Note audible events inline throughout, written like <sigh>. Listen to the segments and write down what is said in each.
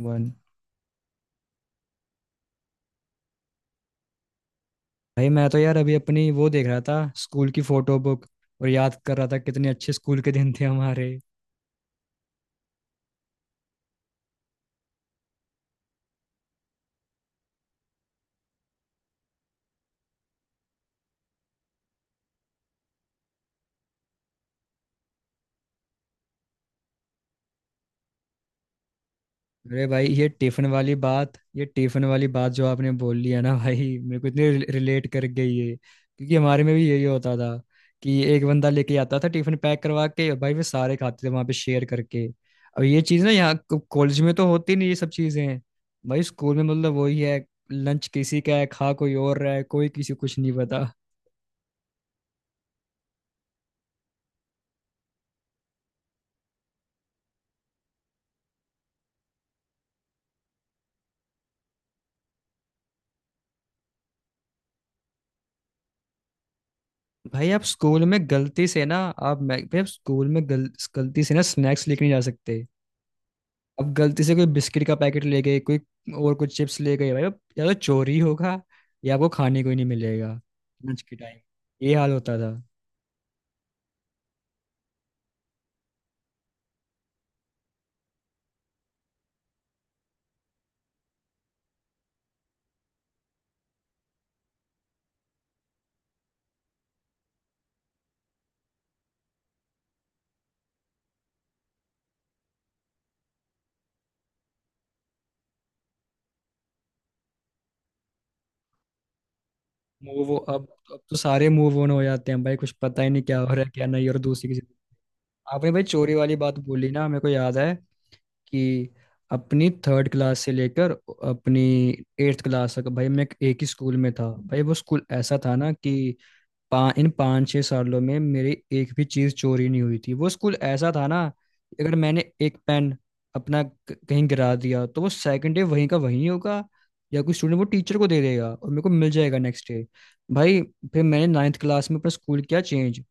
One. भाई, मैं तो यार अभी अपनी वो देख रहा था स्कूल की फोटो बुक। और याद कर रहा था कितने अच्छे स्कूल के दिन थे हमारे। अरे भाई, ये टिफिन वाली बात जो आपने बोल ली है ना, भाई मेरे को इतनी रिलेट कर गई है, क्योंकि हमारे में भी यही होता था कि एक बंदा लेके आता था टिफिन पैक करवा के, और भाई वे सारे खाते थे वहां पे शेयर करके। अब ये चीज ना यहाँ कॉलेज में तो होती नहीं ये सब चीजें। भाई स्कूल में मतलब वही है। लंच किसी का है, खा कोई और रहा है, कोई किसी को कुछ नहीं पता। भाई आप स्कूल में गलती से ना आप मैं भाई आप स्कूल में गल, गलती से ना स्नैक्स लेके नहीं जा सकते। अब गलती से कोई बिस्किट का पैकेट ले गए, कोई और कुछ चिप्स ले गए भाई, अब या तो चोरी होगा या आपको खाने को ही नहीं मिलेगा लंच के टाइम। ये हाल होता था। मूव अब तो सारे मूव ऑन हो जाते हैं भाई, कुछ पता ही नहीं क्या हो रहा है क्या नहीं। और दूसरी किसी आपने भाई चोरी वाली बात बोली ना, मेरे को याद है कि अपनी थर्ड क्लास से लेकर अपनी एट्थ क्लास तक भाई मैं एक ही स्कूल में था। भाई वो स्कूल ऐसा था ना कि इन 5-6 सालों में मेरी एक भी चीज़ चोरी नहीं हुई थी। वो स्कूल ऐसा था ना, अगर मैंने एक पेन अपना कहीं गिरा दिया तो वो सेकंड डे वहीं का वहीं होगा, या कोई स्टूडेंट वो टीचर को दे देगा और मेरे को मिल जाएगा नेक्स्ट डे। भाई फिर मैंने नाइन्थ क्लास में अपना स्कूल किया चेंज।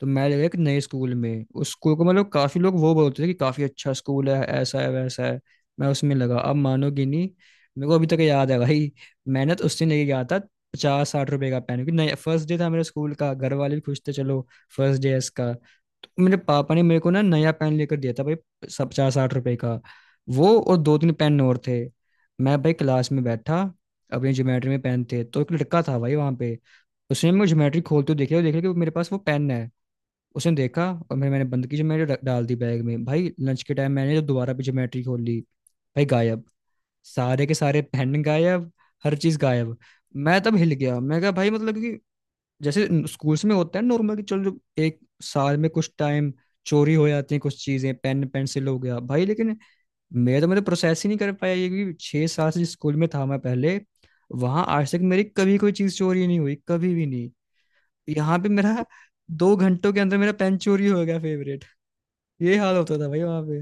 तो मैं लगा एक नए स्कूल में, उस स्कूल को मतलब काफी लोग वो बोलते थे कि काफी अच्छा स्कूल है, ऐसा है वैसा है। मैं उसमें लगा, अब मानोगे नहीं, मेरे को अभी तक याद है भाई। मैंने तो उस दिन लेके गया था 50-60 रुपए का पेन, क्योंकि नया फर्स्ट डे था मेरे स्कूल का, घर वाले भी खुश थे, चलो फर्स्ट डे है इसका, तो मेरे पापा ने मेरे को ना नया पेन लेकर दिया था भाई, सब 50-60 रुपए का। वो और दो तीन पेन और थे। मैं भाई क्लास में बैठा, अपनी ज्योमेट्री में पेन थे, तो एक लड़का था भाई वहां पे। उसने मेरे ज्योमेट्री खोलते हुए देखा और देखा कि वो मेरे पास वो पेन है। उसने देखा और मैंने बंद की, जो मैंने डाल दी बैग में। भाई लंच के टाइम मैंने जब दोबारा भी ज्योमेट्री खोली, भाई गायब। सारे के सारे पेन गायब। हर चीज गायब। मैं तब हिल गया। मैं कहा भाई मतलब कि जैसे स्कूल्स में होता है नॉर्मल कि चलो जो एक साल में कुछ टाइम चोरी हो जाती है कुछ चीजें, पेन पेंसिल हो गया भाई, लेकिन मैं तो मतलब प्रोसेस ही नहीं कर पाया ये कि 6 साल से जिस स्कूल में था मैं पहले, वहां आज तक मेरी कभी कोई चीज चोरी नहीं हुई, कभी भी नहीं। यहाँ पे मेरा 2 घंटों के अंदर मेरा पेन चोरी हो गया फेवरेट। ये हाल होता था भाई वहां पे।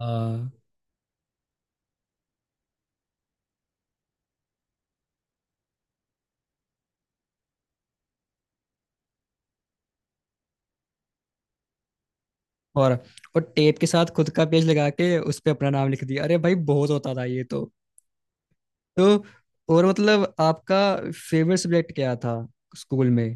हाँ। और और टेप के साथ खुद का पेज लगा के उस पे अपना नाम लिख दिया, अरे भाई बहुत होता था ये तो और मतलब आपका फेवरेट सब्जेक्ट क्या था स्कूल में?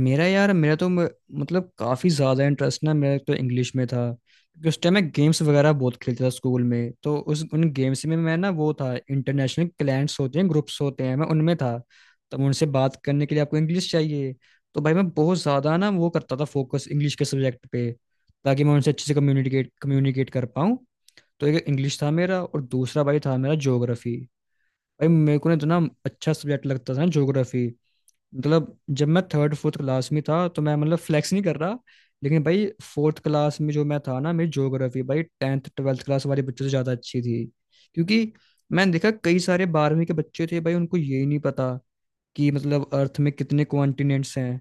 मेरा यार, मेरा तो मतलब काफ़ी ज़्यादा इंटरेस्ट ना मेरा तो इंग्लिश में था, क्योंकि उस टाइम मैं गेम्स वगैरह बहुत खेलता था स्कूल में, तो उस उन गेम्स में मैं ना वो था इंटरनेशनल क्लाइंट्स होते हैं, ग्रुप्स होते हैं, मैं उनमें था। तब उनसे बात करने के लिए आपको इंग्लिश चाहिए, तो भाई मैं बहुत ज़्यादा ना वो करता था फोकस इंग्लिश के सब्जेक्ट पे, ताकि मैं उनसे अच्छे से कम्युनिकेट कम्युनिकेट कर पाऊँ। तो एक इंग्लिश था मेरा और दूसरा भाई था मेरा ज्योग्राफी। भाई मेरे को ना इतना अच्छा सब्जेक्ट लगता था ना ज्योग्राफी। मतलब जब मैं थर्ड फोर्थ क्लास में था, तो मैं मतलब फ्लैक्स नहीं कर रहा लेकिन भाई, फोर्थ क्लास में जो मैं था ना, मेरी ज्योग्राफी भाई टेंथ ट्वेल्थ क्लास वाले बच्चों से ज़्यादा अच्छी थी। क्योंकि मैंने देखा कई सारे बारहवीं के बच्चे थे भाई, उनको ये ही नहीं पता कि मतलब अर्थ में कितने कॉन्टिनेंट्स हैं।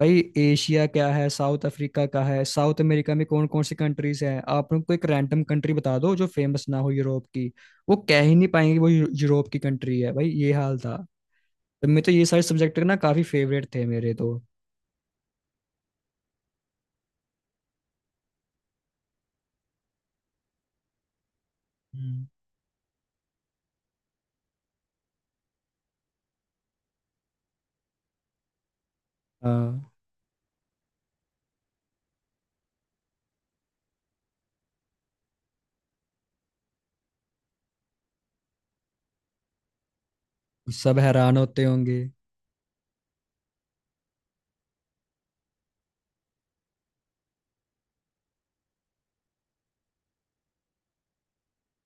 भाई एशिया क्या है, साउथ अफ्रीका का है, साउथ अमेरिका में कौन कौन सी कंट्रीज हैं, आप उनको एक रैंडम कंट्री बता दो जो फेमस ना हो यूरोप की, वो कह ही नहीं पाएंगे वो यूरोप की कंट्री है। भाई ये हाल था। तो मैं तो ये सारे सब्जेक्ट ना काफी फेवरेट थे मेरे तो। हम्म। हाँ, सब हैरान होते होंगे।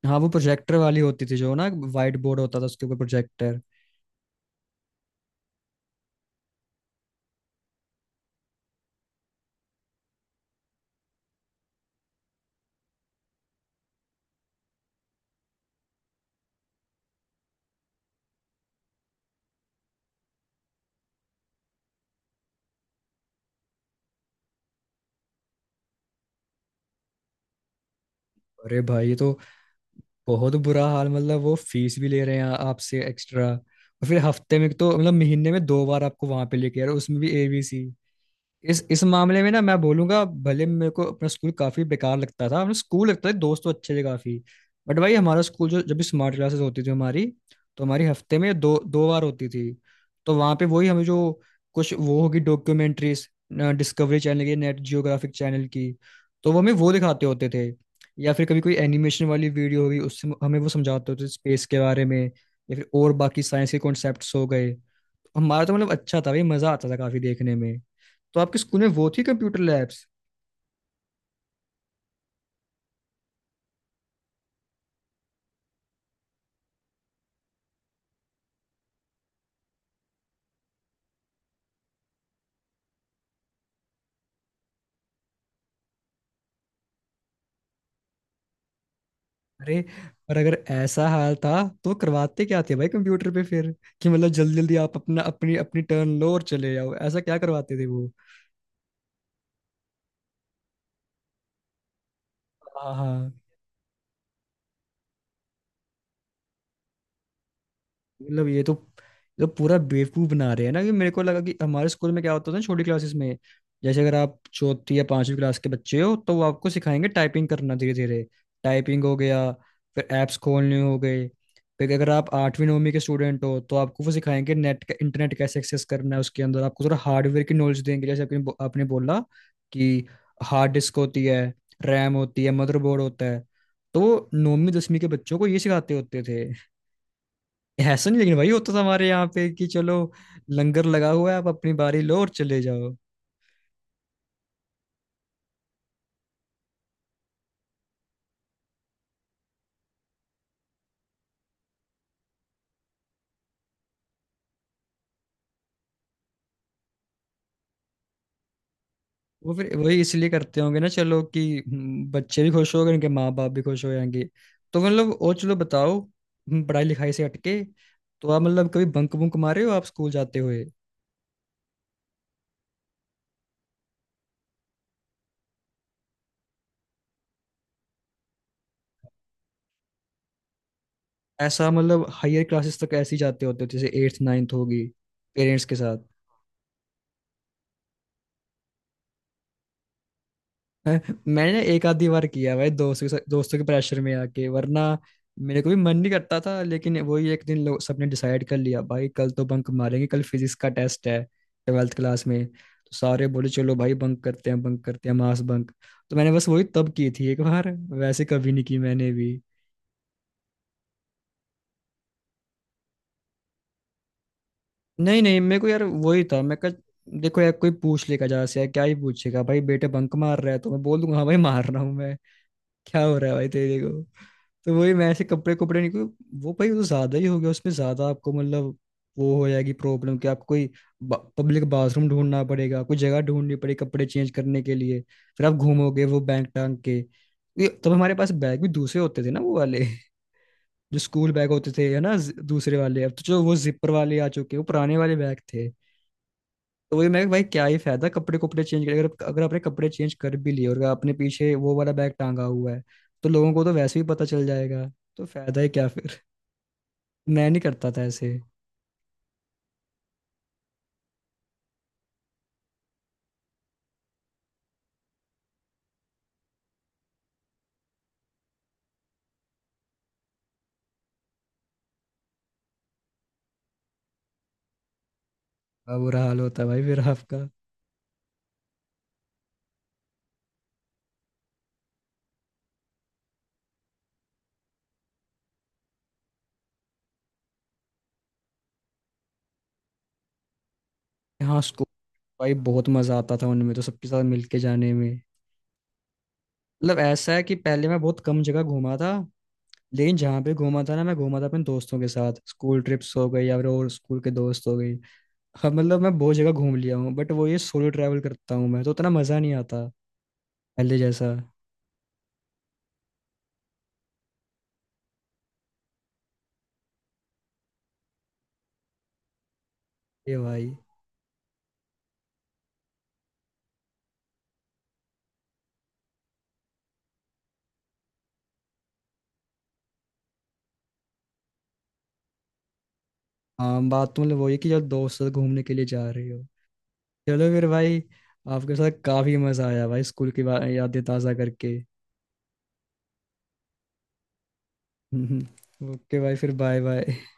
हाँ, वो प्रोजेक्टर वाली होती थी जो ना, वाइट बोर्ड होता था उसके ऊपर प्रोजेक्टर। अरे भाई ये तो बहुत बुरा हाल, मतलब वो फीस भी ले रहे हैं आपसे एक्स्ट्रा और फिर हफ्ते में तो मतलब महीने में दो बार आपको वहां पे लेके यार, उसमें भी एबीसी। इस मामले में ना मैं बोलूंगा, भले मेरे को अपना स्कूल काफी बेकार लगता था, अपना स्कूल लगता था, दोस्त तो अच्छे थे काफी, बट भाई हमारा स्कूल जो, जब भी स्मार्ट क्लासेस होती थी हमारी, तो हमारी हफ्ते में दो दो बार होती थी। तो वहां पे वही हमें जो कुछ वो होगी डॉक्यूमेंट्रीज, डिस्कवरी चैनल की, नेट जियोग्राफिक चैनल की, तो वो हमें वो दिखाते होते थे, या फिर कभी कोई एनिमेशन वाली वीडियो होगी, उससे हमें वो समझाते होते थे स्पेस के बारे में या फिर और बाकी साइंस के कॉन्सेप्ट्स हो गए। हमारा तो मतलब अच्छा था भाई, मजा आता था काफी देखने में। तो आपके स्कूल में वो थी कंप्यूटर लैब्स? अरे, पर अगर ऐसा हाल था तो करवाते क्या थे भाई कंप्यूटर पे फिर, कि मतलब जल्दी जल्दी आप अपना अपनी अपनी टर्न लो और चले जाओ, ऐसा क्या करवाते थे वो? हाँ, मतलब ये तो पूरा बेवकूफ बना रहे हैं ना। कि मेरे को लगा कि हमारे स्कूल में क्या होता था ना, छोटी क्लासेस में जैसे अगर आप चौथी या पांचवी क्लास के बच्चे हो तो वो आपको सिखाएंगे टाइपिंग करना धीरे धीरे। टाइपिंग हो गया, फिर ऐप्स खोलने हो गए, फिर अगर आप आठवीं नौवीं के स्टूडेंट हो तो आपको वो सिखाएंगे नेट का इंटरनेट कैसे एक्सेस करना है, उसके अंदर आपको थोड़ा हार्डवेयर की नॉलेज देंगे जैसे आपने बोला कि हार्ड डिस्क होती है, रैम होती है, मदरबोर्ड होता है, तो नौवीं दसवीं के बच्चों को ये सिखाते होते थे। ऐसा नहीं लेकिन भाई वो तो हमारे यहाँ पे कि चलो लंगर लगा हुआ है, आप अपनी बारी लो और चले जाओ। वो फिर वही इसलिए करते होंगे ना चलो कि बच्चे भी खुश हो गए, उनके माँ बाप भी खुश हो जाएंगे। तो मतलब और चलो बताओ, पढ़ाई लिखाई से हटके तो आप मतलब कभी बंक बुंक मारे हो आप स्कूल जाते हुए? ऐसा मतलब हायर क्लासेस तक ऐसे ही जाते होते हो जैसे एट्थ नाइन्थ होगी, पेरेंट्स के साथ? <laughs> हैं? मैंने एक आधी बार किया भाई, दोस्तों के प्रेशर में आके, वरना मेरे को भी मन नहीं करता था, लेकिन वही एक दिन लोग सबने डिसाइड कर लिया भाई कल तो बंक मारेंगे, कल फिजिक्स का टेस्ट है। ट्वेल्थ क्लास में तो सारे बोले चलो भाई बंक करते हैं बंक करते हैं, मास बंक। तो मैंने बस वही तब की थी एक बार, वैसे कभी नहीं की मैंने भी। नहीं नहीं, मेरे को यार वही था, मैं कहा देखो यार कोई पूछ लेगा जरा से, यार क्या ही पूछेगा भाई बेटे बंक मार रहा है, तो मैं बोल दूंगा हाँ भाई मार रहा हूँ, क्या हो रहा है भाई तेरे को। तो वही मैं ऐसे कपड़े कपड़े नहीं, कोई वो भाई वो ज्यादा ही हो गया उसमें, ज्यादा आपको मतलब वो हो जाएगी प्रॉब्लम कि आपको कोई पब्लिक बाथरूम ढूंढना पड़ेगा, कोई जगह ढूंढनी पड़ेगी कपड़े चेंज करने के लिए। फिर आप घूमोगे वो बैग टांग के, ये तब हमारे पास बैग भी दूसरे होते थे ना वो वाले <laughs> जो स्कूल बैग होते थे है ना, दूसरे वाले, अब तो जो वो जिपर वाले आ चुके हैं, वो पुराने वाले बैग थे। तो वही मैं भाई क्या ही फायदा कपड़े कपड़े चेंज करके, अगर अगर आपने कपड़े चेंज कर भी लिए और अगर आपने पीछे वो वाला बैग टांगा हुआ है, तो लोगों को तो वैसे ही पता चल जाएगा। तो फायदा ही क्या फिर? <laughs> मैं नहीं करता था ऐसे। अब बुरा हाल होता भाई फिर आपका। हाँ, स्कूल भाई बहुत मजा आता था उनमें तो, सबके साथ मिलके जाने में। मतलब ऐसा है कि पहले मैं बहुत कम जगह घूमा था, लेकिन जहाँ पे घूमा था ना, मैं घूमा था अपने दोस्तों के साथ, स्कूल ट्रिप्स हो गई या फिर और स्कूल के दोस्त हो गई। हाँ, मतलब मैं बहुत जगह घूम लिया हूँ, बट वो ये सोलो ट्रैवल करता हूँ मैं तो उतना मजा नहीं आता पहले जैसा। ये भाई। हाँ, बात तो मतलब वही कि जब दोस्त से घूमने के लिए जा रहे हो। चलो फिर भाई, आपके साथ काफी मजा आया भाई, स्कूल की यादें ताजा करके। <laughs> ओके भाई, फिर बाय बाय।